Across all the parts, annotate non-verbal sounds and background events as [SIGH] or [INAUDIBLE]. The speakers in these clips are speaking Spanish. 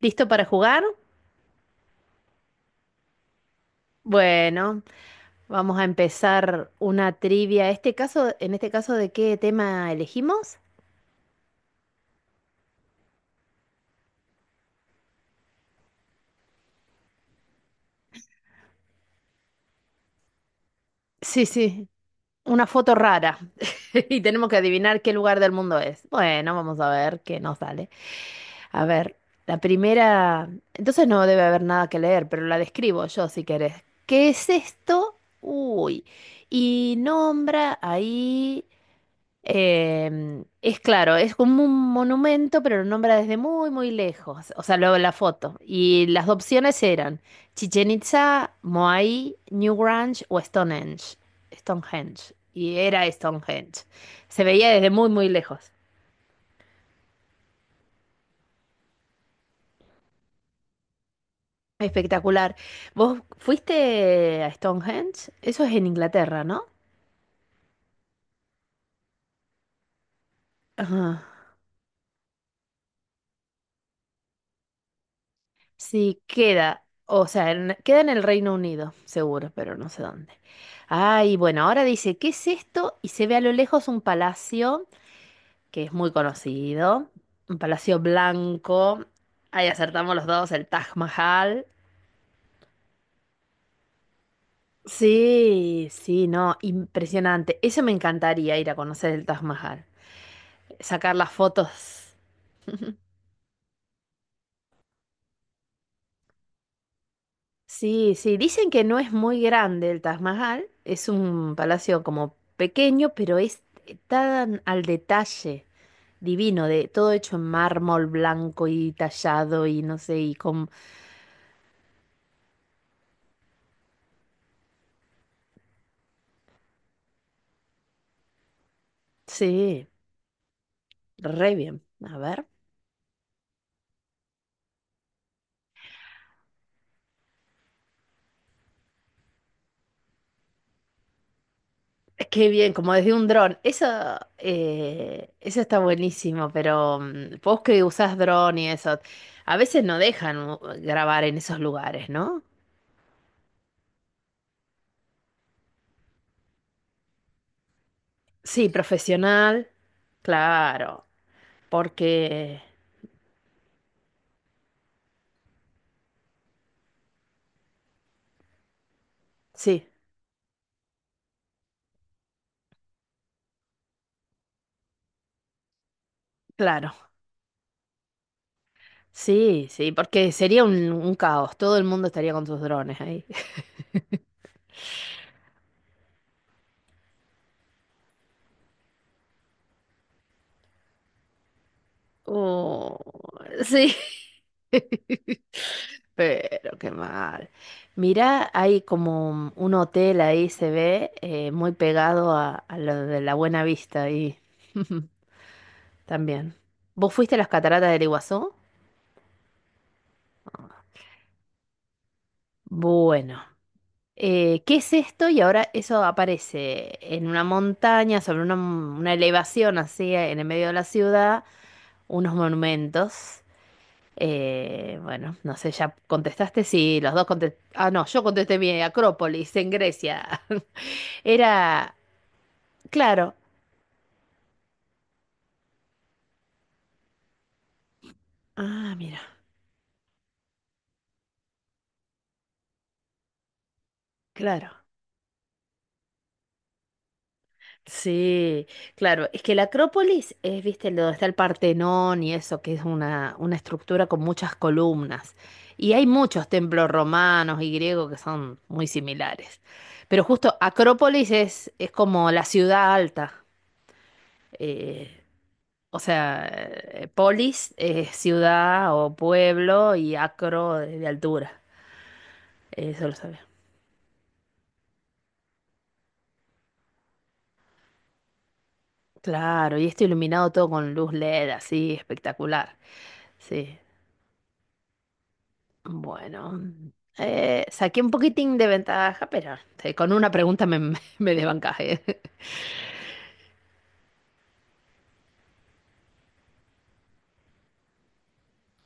¿Listo para jugar? Bueno, vamos a empezar una trivia. En este caso, ¿de qué tema elegimos? Sí, sí, una foto rara. [LAUGHS] Y tenemos que adivinar qué lugar del mundo es. Bueno, vamos a ver qué nos sale. A ver, la primera. Entonces no debe haber nada que leer, pero la describo yo si querés. ¿Qué es esto? Uy. Y nombra ahí. Es claro, es como un monumento, pero lo nombra desde muy, muy lejos. O sea, luego la foto. Y las opciones eran Chichen Itza, Moai, Newgrange o Stonehenge. Stonehenge. Y era Stonehenge. Se veía desde muy, muy lejos. Espectacular. ¿Vos fuiste a Stonehenge? Eso es en Inglaterra, ¿no? Ajá. Sí, queda, o sea, queda en el Reino Unido, seguro, pero no sé dónde. Ay, bueno, ahora dice, ¿qué es esto? Y se ve a lo lejos un palacio que es muy conocido, un palacio blanco. Ahí acertamos los dos, el Taj Mahal. Sí, sí, no, impresionante. Eso me encantaría ir a conocer el Taj Mahal, sacar las fotos. Sí, sí, dicen que no es muy grande el Taj Mahal, es un palacio como pequeño, pero es tan al detalle, divino, de todo hecho en mármol blanco y tallado y no sé, y con… Sí, re bien, a ver. Qué bien, como desde un dron. Eso, eso está buenísimo, pero vos que usás dron y eso, a veces no dejan grabar en esos lugares, ¿no? Sí, profesional, claro. Porque sí, claro. Sí, sí, porque sería un caos. Todo el mundo estaría con sus drones ahí. [LAUGHS] Oh, sí. [LAUGHS] Pero qué mal. Mira, hay como un hotel ahí, se ve, muy pegado a lo de la Buena Vista ahí. [LAUGHS] También. ¿Vos fuiste a las cataratas del Iguazú? Bueno, ¿qué es esto? Y ahora eso aparece en una montaña, sobre una elevación así, en el medio de la ciudad. Unos monumentos. Bueno, no sé, ya contestaste, sí, los dos contestaste. Ah, no, yo contesté mi Acrópolis, en Grecia. [LAUGHS] Era, claro. Ah, mira, claro. Sí, claro. Es que la Acrópolis es, viste, donde está el Partenón y eso, que es una estructura con muchas columnas. Y hay muchos templos romanos y griegos que son muy similares. Pero justo Acrópolis es como la ciudad alta. eh, O sea, polis es ciudad o pueblo y acro de altura. Eso lo sabía. Claro, y esto iluminado todo con luz LED, así espectacular. Sí. Bueno, saqué un poquitín de ventaja, pero con una pregunta [LAUGHS] me desbancajé. [LAUGHS]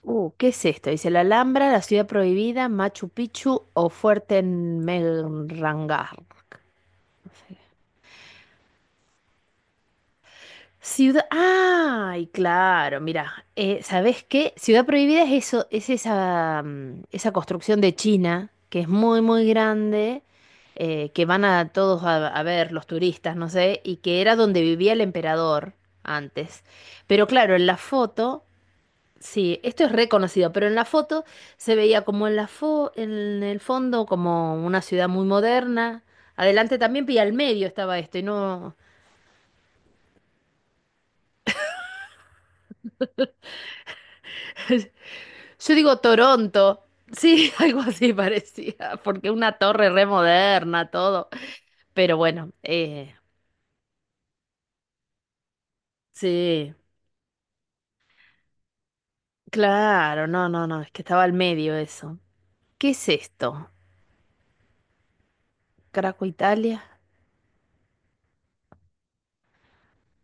¿Qué es esto? Dice la Alhambra, la ciudad prohibida, Machu Picchu o Fuerte Fuerteventura. Ciudad. ¡Ay, claro! Mira, ¿sabés qué? Ciudad Prohibida es eso, es esa, esa construcción de China que es muy, muy grande, que van a todos a ver los turistas, no sé, y que era donde vivía el emperador antes. Pero claro, en la foto, sí, esto es reconocido, pero en la foto se veía como en la en el fondo como una ciudad muy moderna. Adelante también, y al medio estaba esto, y no. Yo digo Toronto. Sí, [LAUGHS] algo así parecía, porque una torre re moderna, todo. Pero bueno, sí, claro, no, no, no, es que estaba al medio eso. ¿Qué es esto? Caraco, Italia.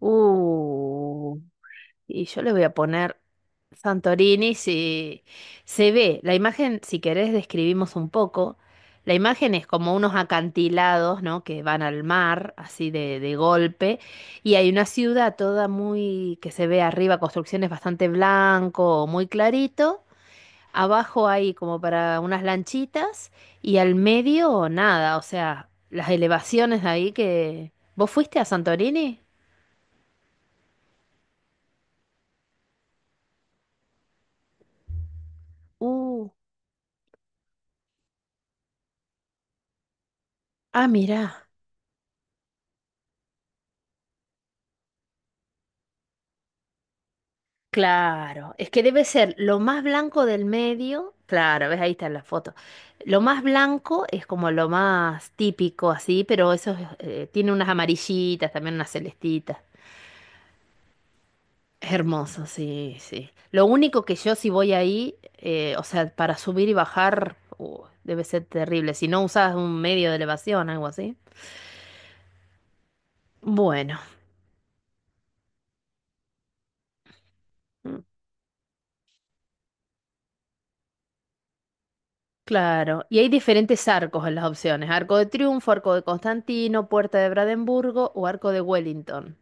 Uh. Y yo le voy a poner Santorini si se ve. La imagen, si querés, describimos un poco. La imagen es como unos acantilados, ¿no? Que van al mar, así de golpe. Y hay una ciudad toda muy, que se ve arriba, construcciones bastante blanco, muy clarito. Abajo hay como para unas lanchitas. Y al medio, nada. O sea, las elevaciones de ahí que. ¿Vos fuiste a Santorini? Uh. Ah, mirá. Claro, es que debe ser lo más blanco del medio, claro, ves ahí está la foto. Lo más blanco es como lo más típico así, pero eso es, tiene unas amarillitas, también unas celestitas. Es hermoso, sí, sí. Lo único que yo si voy ahí, o sea, para subir y bajar, debe ser terrible, si no usas un medio de elevación, algo así. Bueno. mm, Claro, y hay diferentes arcos en las opciones, arco de triunfo, arco de Constantino, puerta de Brandenburgo o arco de Wellington.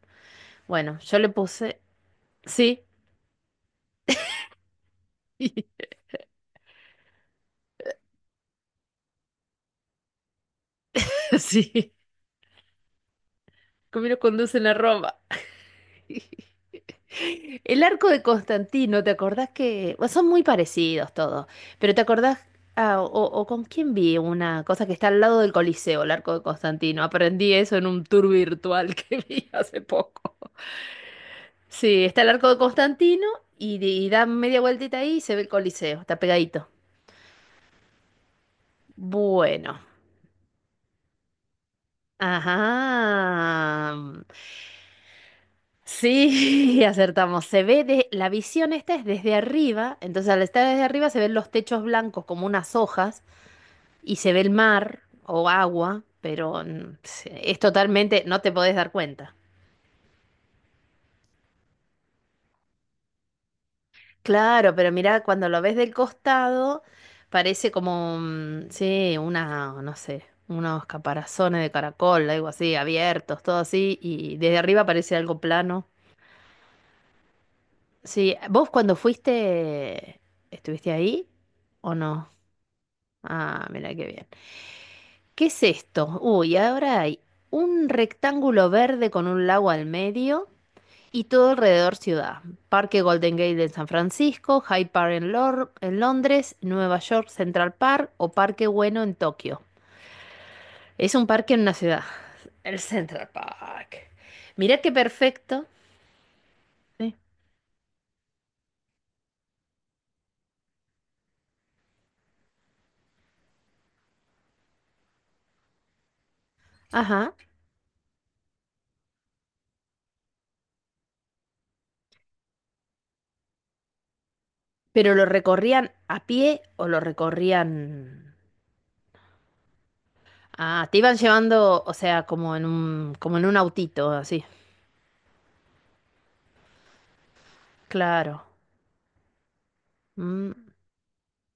Bueno, yo le puse, sí, [LAUGHS] sí, camino conducen a Roma. [LAUGHS] El arco de Constantino, ¿te acordás que bueno, son muy parecidos todos? Pero ¿te acordás ah, o con quién vi una cosa que está al lado del Coliseo, el arco de Constantino? Aprendí eso en un tour virtual que [LAUGHS] vi hace poco. Sí, está el arco de Constantino y, y da media vueltita ahí y se ve el Coliseo, está pegadito. Bueno. Ajá. Sí, [LAUGHS] acertamos. Se ve de, la visión esta es desde arriba, entonces al estar desde arriba se ven los techos blancos como unas hojas y se ve el mar o agua, pero es totalmente, no te podés dar cuenta. Claro, pero mira, cuando lo ves del costado, parece como, sí, una, no sé, unos caparazones de caracol, algo así, abiertos, todo así, y desde arriba parece algo plano. Sí, ¿vos cuando fuiste, estuviste ahí o no? Ah, mira qué bien. ¿Qué es esto? Uy, ahora hay un rectángulo verde con un lago al medio. Y todo alrededor ciudad. Parque Golden Gate en San Francisco, Hyde Park en, en Londres, Nueva York Central Park o Parque Bueno en Tokio. Es un parque en una ciudad. El Central Park. Mirá qué perfecto. Sí. Ajá. Pero lo recorrían a pie o lo recorrían… Ah, te iban llevando, o sea, como en un autito, así. Claro. Mm,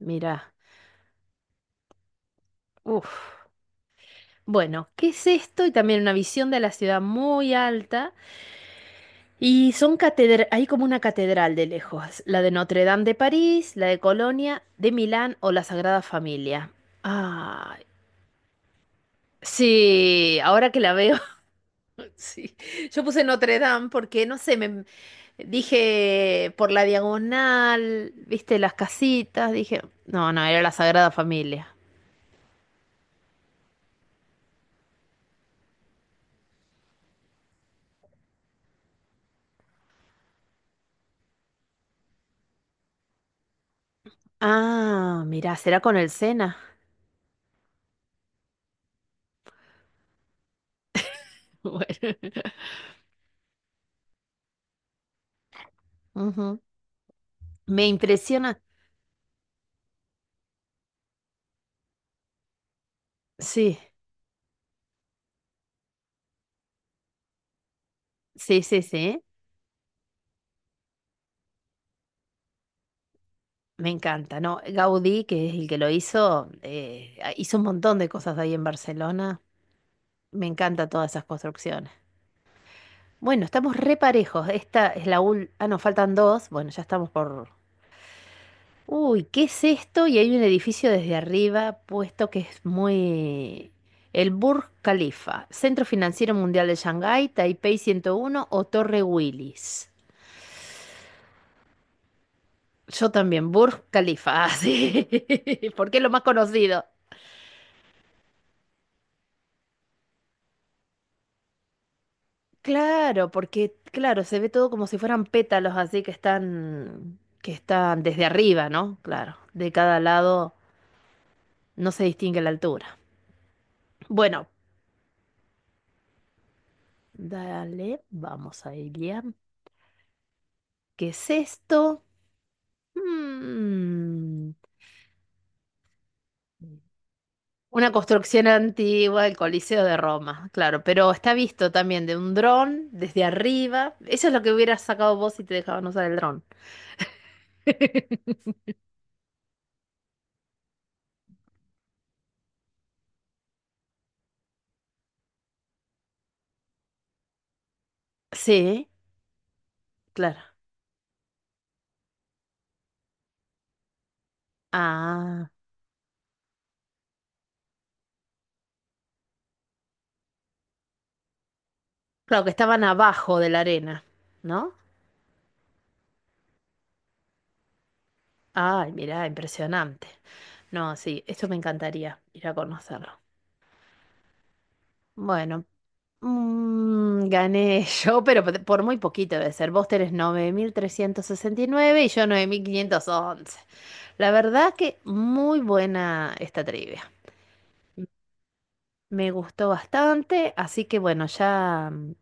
mirá. Uf. Bueno, ¿qué es esto? Y también una visión de la ciudad muy alta. Y son catedral, hay como una catedral de lejos, la de Notre Dame de París, la de Colonia, de Milán o la Sagrada Familia. Ah, sí, ahora que la veo, [LAUGHS] sí. Yo puse Notre Dame porque, no sé, me dije por la diagonal, viste las casitas, dije, no, no, era la Sagrada Familia. Ah, mirá, será con el Sena. [LAUGHS] Bueno. Ujú. Me impresiona. Sí, sí, sí, sí. Me encanta, ¿no? Gaudí, que es el que lo hizo, ah, hizo un montón de cosas ahí en Barcelona. Me encanta todas esas construcciones. Bueno, estamos re parejos. Esta es la ul… Ah, nos faltan dos. Bueno, ya estamos por… Uy, ¿qué es esto? Y hay un edificio desde arriba puesto que es muy… El Burj Khalifa, Centro Financiero Mundial de Shanghái, Taipei 101 o Torre Willis. Yo también, Burj Khalifa, [LAUGHS] ah, sí, [LAUGHS] porque es lo más conocido. Claro, porque claro, se ve todo como si fueran pétalos así que están desde arriba, ¿no? Claro, de cada lado no se distingue la altura. Bueno, dale, vamos a Ilia. ¿Qué es esto? Hmm, Una construcción antigua, el Coliseo de Roma, claro, pero está visto también de un dron desde arriba. Eso es lo que hubieras sacado vos si te dejaban usar el dron. [LAUGHS] Sí, claro. Ah. Claro, que estaban abajo de la arena, ¿no? Ay, mirá, impresionante. No, sí, esto me encantaría ir a conocerlo. Bueno, gané [LAUGHS] yo, pero por muy poquito debe ser. Vos tenés 9.369 y yo 9.511. La verdad que muy buena esta trivia. Me gustó bastante, así que bueno, ya,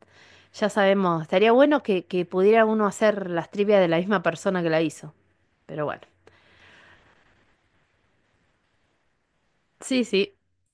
ya sabemos. Estaría bueno que pudiera uno hacer las trivias de la misma persona que la hizo. Pero bueno, sí, sí.